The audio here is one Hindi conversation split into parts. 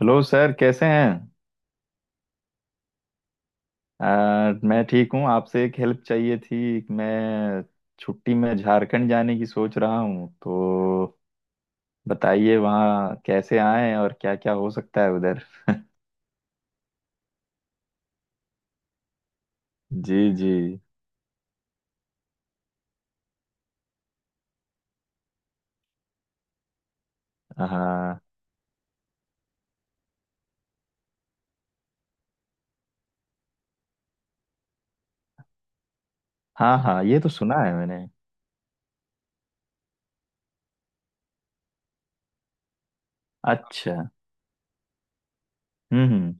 हेलो सर, कैसे हैं? मैं ठीक हूँ। आपसे एक हेल्प चाहिए थी। मैं छुट्टी में झारखंड जाने की सोच रहा हूँ, तो बताइए वहाँ कैसे आएं और क्या क्या हो सकता है उधर। जी जी। हाँ हाँ हाँ, ये तो सुना है मैंने। अच्छा। हम्म।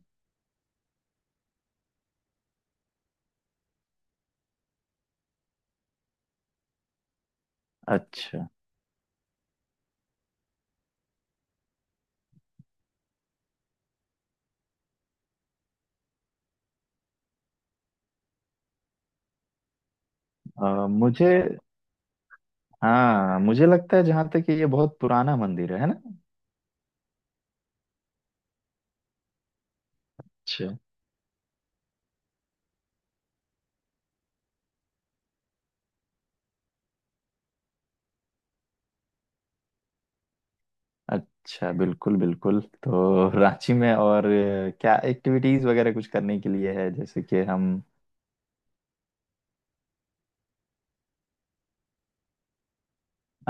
अच्छा। आ, मुझे हाँ, मुझे लगता है जहाँ तक कि ये बहुत पुराना मंदिर है ना? अच्छा अच्छा, बिल्कुल बिल्कुल। तो रांची में और क्या एक्टिविटीज वगैरह कुछ करने के लिए है, जैसे कि हम?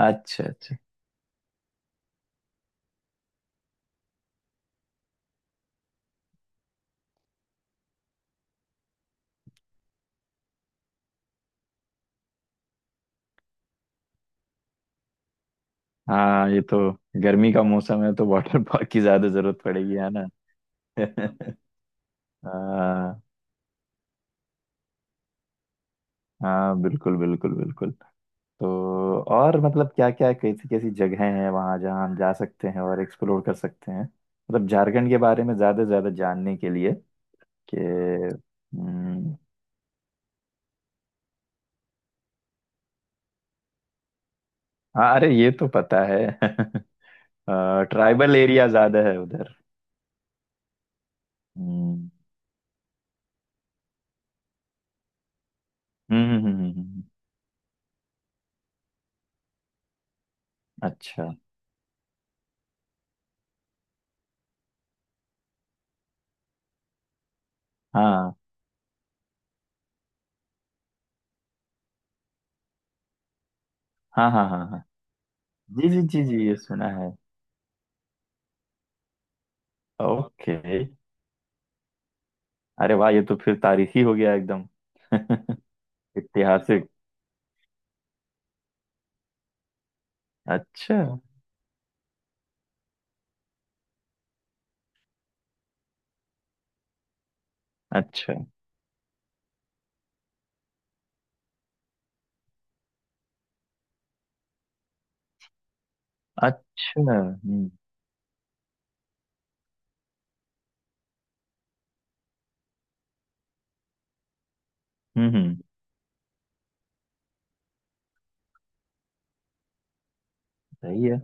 अच्छा अच्छा। हाँ, ये तो गर्मी का मौसम है तो वाटर पार्क की ज्यादा जरूरत पड़ेगी, है ना? हाँ हाँ, बिल्कुल बिल्कुल बिल्कुल। तो और मतलब, क्या क्या कैसी कैसी जगहें हैं वहाँ जहाँ हम जा सकते हैं और एक्सप्लोर कर सकते हैं, मतलब झारखंड के बारे में ज्यादा से ज्यादा जानने के लिए कि। हम्म। हाँ, अरे ये तो पता है। ट्राइबल एरिया ज्यादा है उधर। हम्म हम्म हम्म, हम्म, हम्म, हम्म, हम्म। अच्छा। हाँ हाँ हाँ हाँ। हाँ जी जी जी जी, ये सुना है। ओके। अरे वाह, ये तो फिर तारीखी हो गया एकदम। ऐतिहासिक। अच्छा अच्छा अच्छा। हम्म। सही है।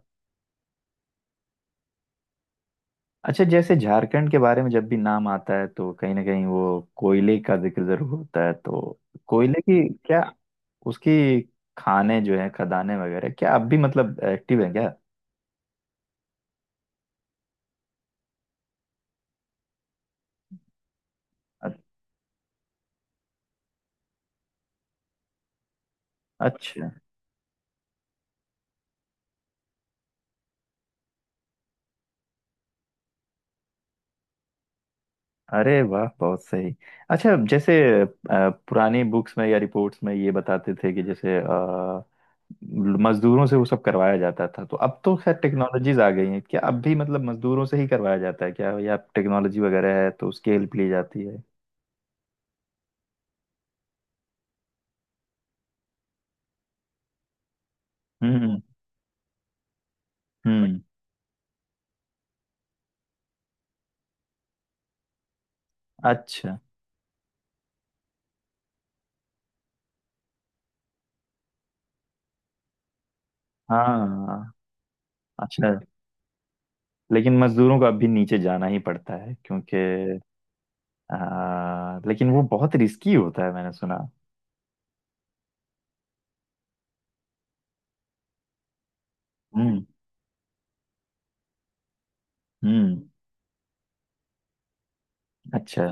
अच्छा, जैसे झारखंड के बारे में जब भी नाम आता है तो कहीं ना कहीं वो कोयले का जिक्र जरूर होता है, तो कोयले की, क्या उसकी, खाने जो है खदानें वगैरह क्या अब भी मतलब एक्टिव है क्या? अ- अच्छा, अरे वाह, बहुत सही। अच्छा, जैसे पुरानी बुक्स में या रिपोर्ट्स में ये बताते थे कि जैसे मजदूरों से वो सब करवाया जाता था, तो अब तो खैर टेक्नोलॉजीज आ गई हैं, क्या अब भी मतलब मजदूरों से ही करवाया जाता है क्या, या टेक्नोलॉजी वगैरह है तो उसकी हेल्प ली जाती है? हम्म हम्म। अच्छा। हाँ। अच्छा, लेकिन मजदूरों को अब भी नीचे जाना ही पड़ता है क्योंकि लेकिन वो बहुत रिस्की होता है, मैंने सुना। हम्म हम्म। अच्छा।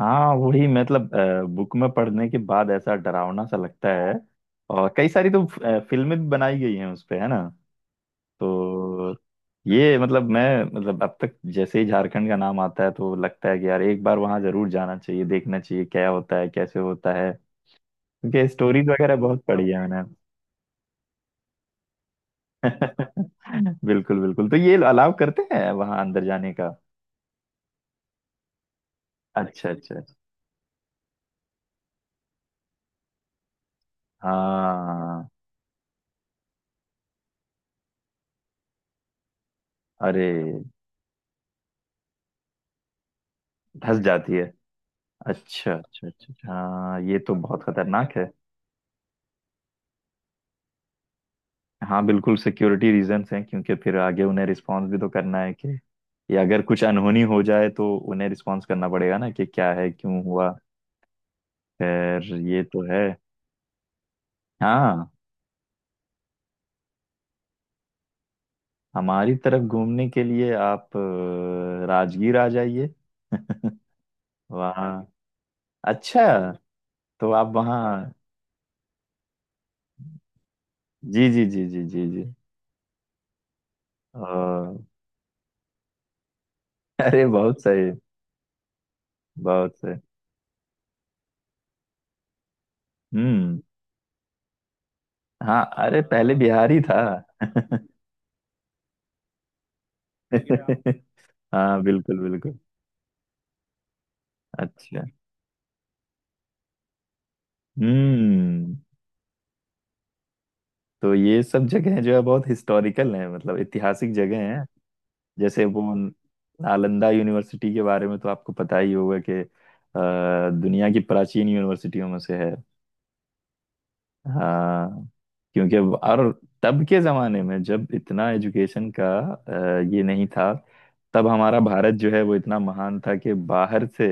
हाँ, वही मतलब, बुक में पढ़ने के बाद ऐसा डरावना सा लगता है। और कई सारी तो फिल्में भी बनाई गई हैं उस पे, है ना? तो ये मतलब मैं, मतलब, अब तक जैसे ही झारखंड का नाम आता है तो लगता है कि यार एक बार वहां जरूर जाना चाहिए, देखना चाहिए क्या होता है कैसे होता है। क्योंकि स्टोरीज वगैरह बहुत पढ़ी है मैंने। बिल्कुल बिल्कुल, तो ये अलाउ करते हैं वहां अंदर जाने का? अच्छा अच्छा अच्छा। हाँ। अरे, धस जाती। अच्छा अच्छा अच्छा अच्छा। हाँ, ये तो बहुत खतरनाक है। हाँ बिल्कुल, सिक्योरिटी रीजंस हैं, क्योंकि फिर आगे उन्हें रिस्पॉन्स भी तो करना है कि ये अगर कुछ अनहोनी हो जाए तो उन्हें रिस्पॉन्स करना पड़ेगा ना कि क्या है, क्यों हुआ। खैर, ये तो है। हाँ। हमारी तरफ घूमने के लिए आप राजगीर आ जाइए। वहाँ। अच्छा, तो आप वहाँ। जी जी जी जी जी जी। अ, अरे बहुत सही, बहुत सही। हम्म। हाँ, अरे पहले बिहारी था। हाँ बिल्कुल बिल्कुल। अच्छा। हम्म। तो ये सब जगह जो है बहुत हिस्टोरिकल है, मतलब ऐतिहासिक जगह हैं। जैसे वो नालंदा यूनिवर्सिटी के बारे में तो आपको पता ही होगा कि दुनिया की प्राचीन यूनिवर्सिटियों में से है। हाँ। क्योंकि, और तब के जमाने में जब इतना एजुकेशन का ये नहीं था, तब हमारा भारत जो है वो इतना महान था कि बाहर से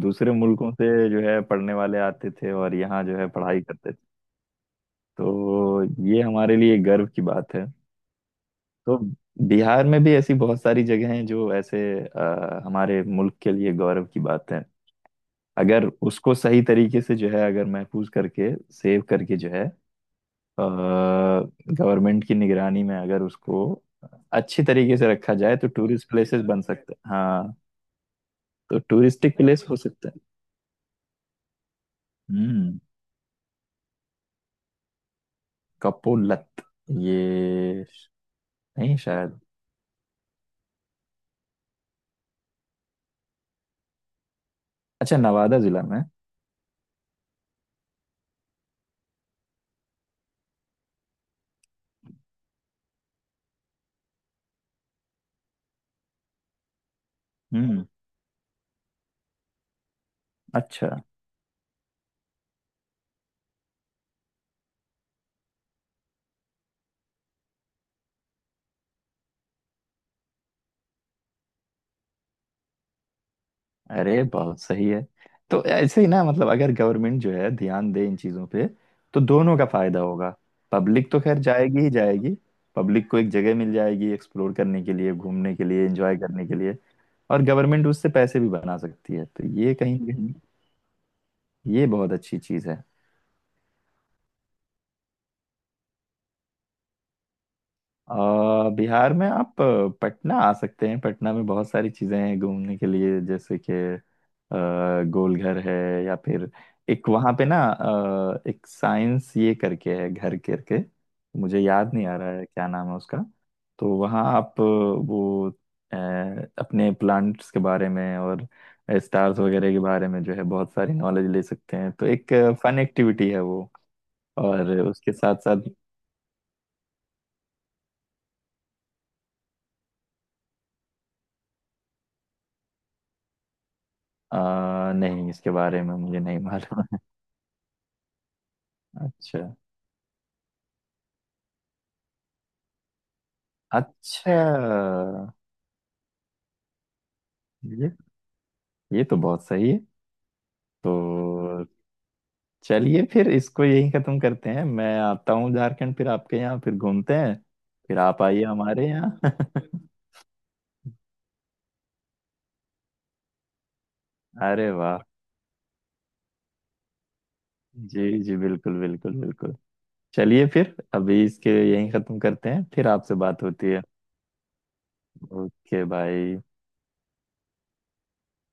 दूसरे मुल्कों से जो है पढ़ने वाले आते थे और यहाँ जो है पढ़ाई करते थे। तो ये हमारे लिए गर्व की बात है। तो बिहार में भी ऐसी बहुत सारी जगह हैं जो ऐसे हमारे मुल्क के लिए गौरव की बात है। अगर उसको सही तरीके से जो है, अगर महफूज करके सेव करके जो है, गवर्नमेंट की निगरानी में अगर उसको अच्छी तरीके से रखा जाए तो टूरिस्ट प्लेसेस बन सकते हैं, हाँ। तो टूरिस्टिक प्लेस हो सकते हैं। हम्म। कपोलत? ये नहीं, शायद। अच्छा, नवादा जिला में। हम्म। अच्छा, अरे बहुत सही है। तो ऐसे ही ना, मतलब अगर गवर्नमेंट जो है ध्यान दे इन चीजों पे तो दोनों का फायदा होगा। पब्लिक तो खैर जाएगी ही जाएगी। पब्लिक को एक जगह मिल जाएगी एक्सप्लोर करने के लिए, घूमने के लिए, एंजॉय करने के लिए। और गवर्नमेंट उससे पैसे भी बना सकती है, तो ये कहीं ना कहीं ये बहुत अच्छी चीज है। अ, बिहार में आप पटना आ सकते हैं। पटना में बहुत सारी चीज़ें हैं घूमने के लिए, जैसे कि अ, गोलघर है, या फिर एक वहाँ पे ना एक साइंस ये करके है, घर करके, मुझे याद नहीं आ रहा है क्या नाम है उसका। तो वहाँ आप वो अ, अपने प्लांट्स के बारे में और स्टार्स वगैरह के बारे में जो है बहुत सारी नॉलेज ले सकते हैं, तो एक फन एक्टिविटी है वो। और उसके साथ साथ नहीं, इसके बारे में मुझे नहीं मालूम। अच्छा अच्छा, ये ये तो बहुत सही है। तो चलिए फिर इसको यहीं खत्म करते हैं। मैं आता हूँ झारखंड, फिर आपके यहाँ फिर घूमते हैं। फिर आप आइए हमारे यहाँ। अरे वाह। जी जी बिल्कुल बिल्कुल बिल्कुल। चलिए फिर अभी इसके यहीं खत्म करते हैं, फिर आपसे बात होती है। ओके भाई।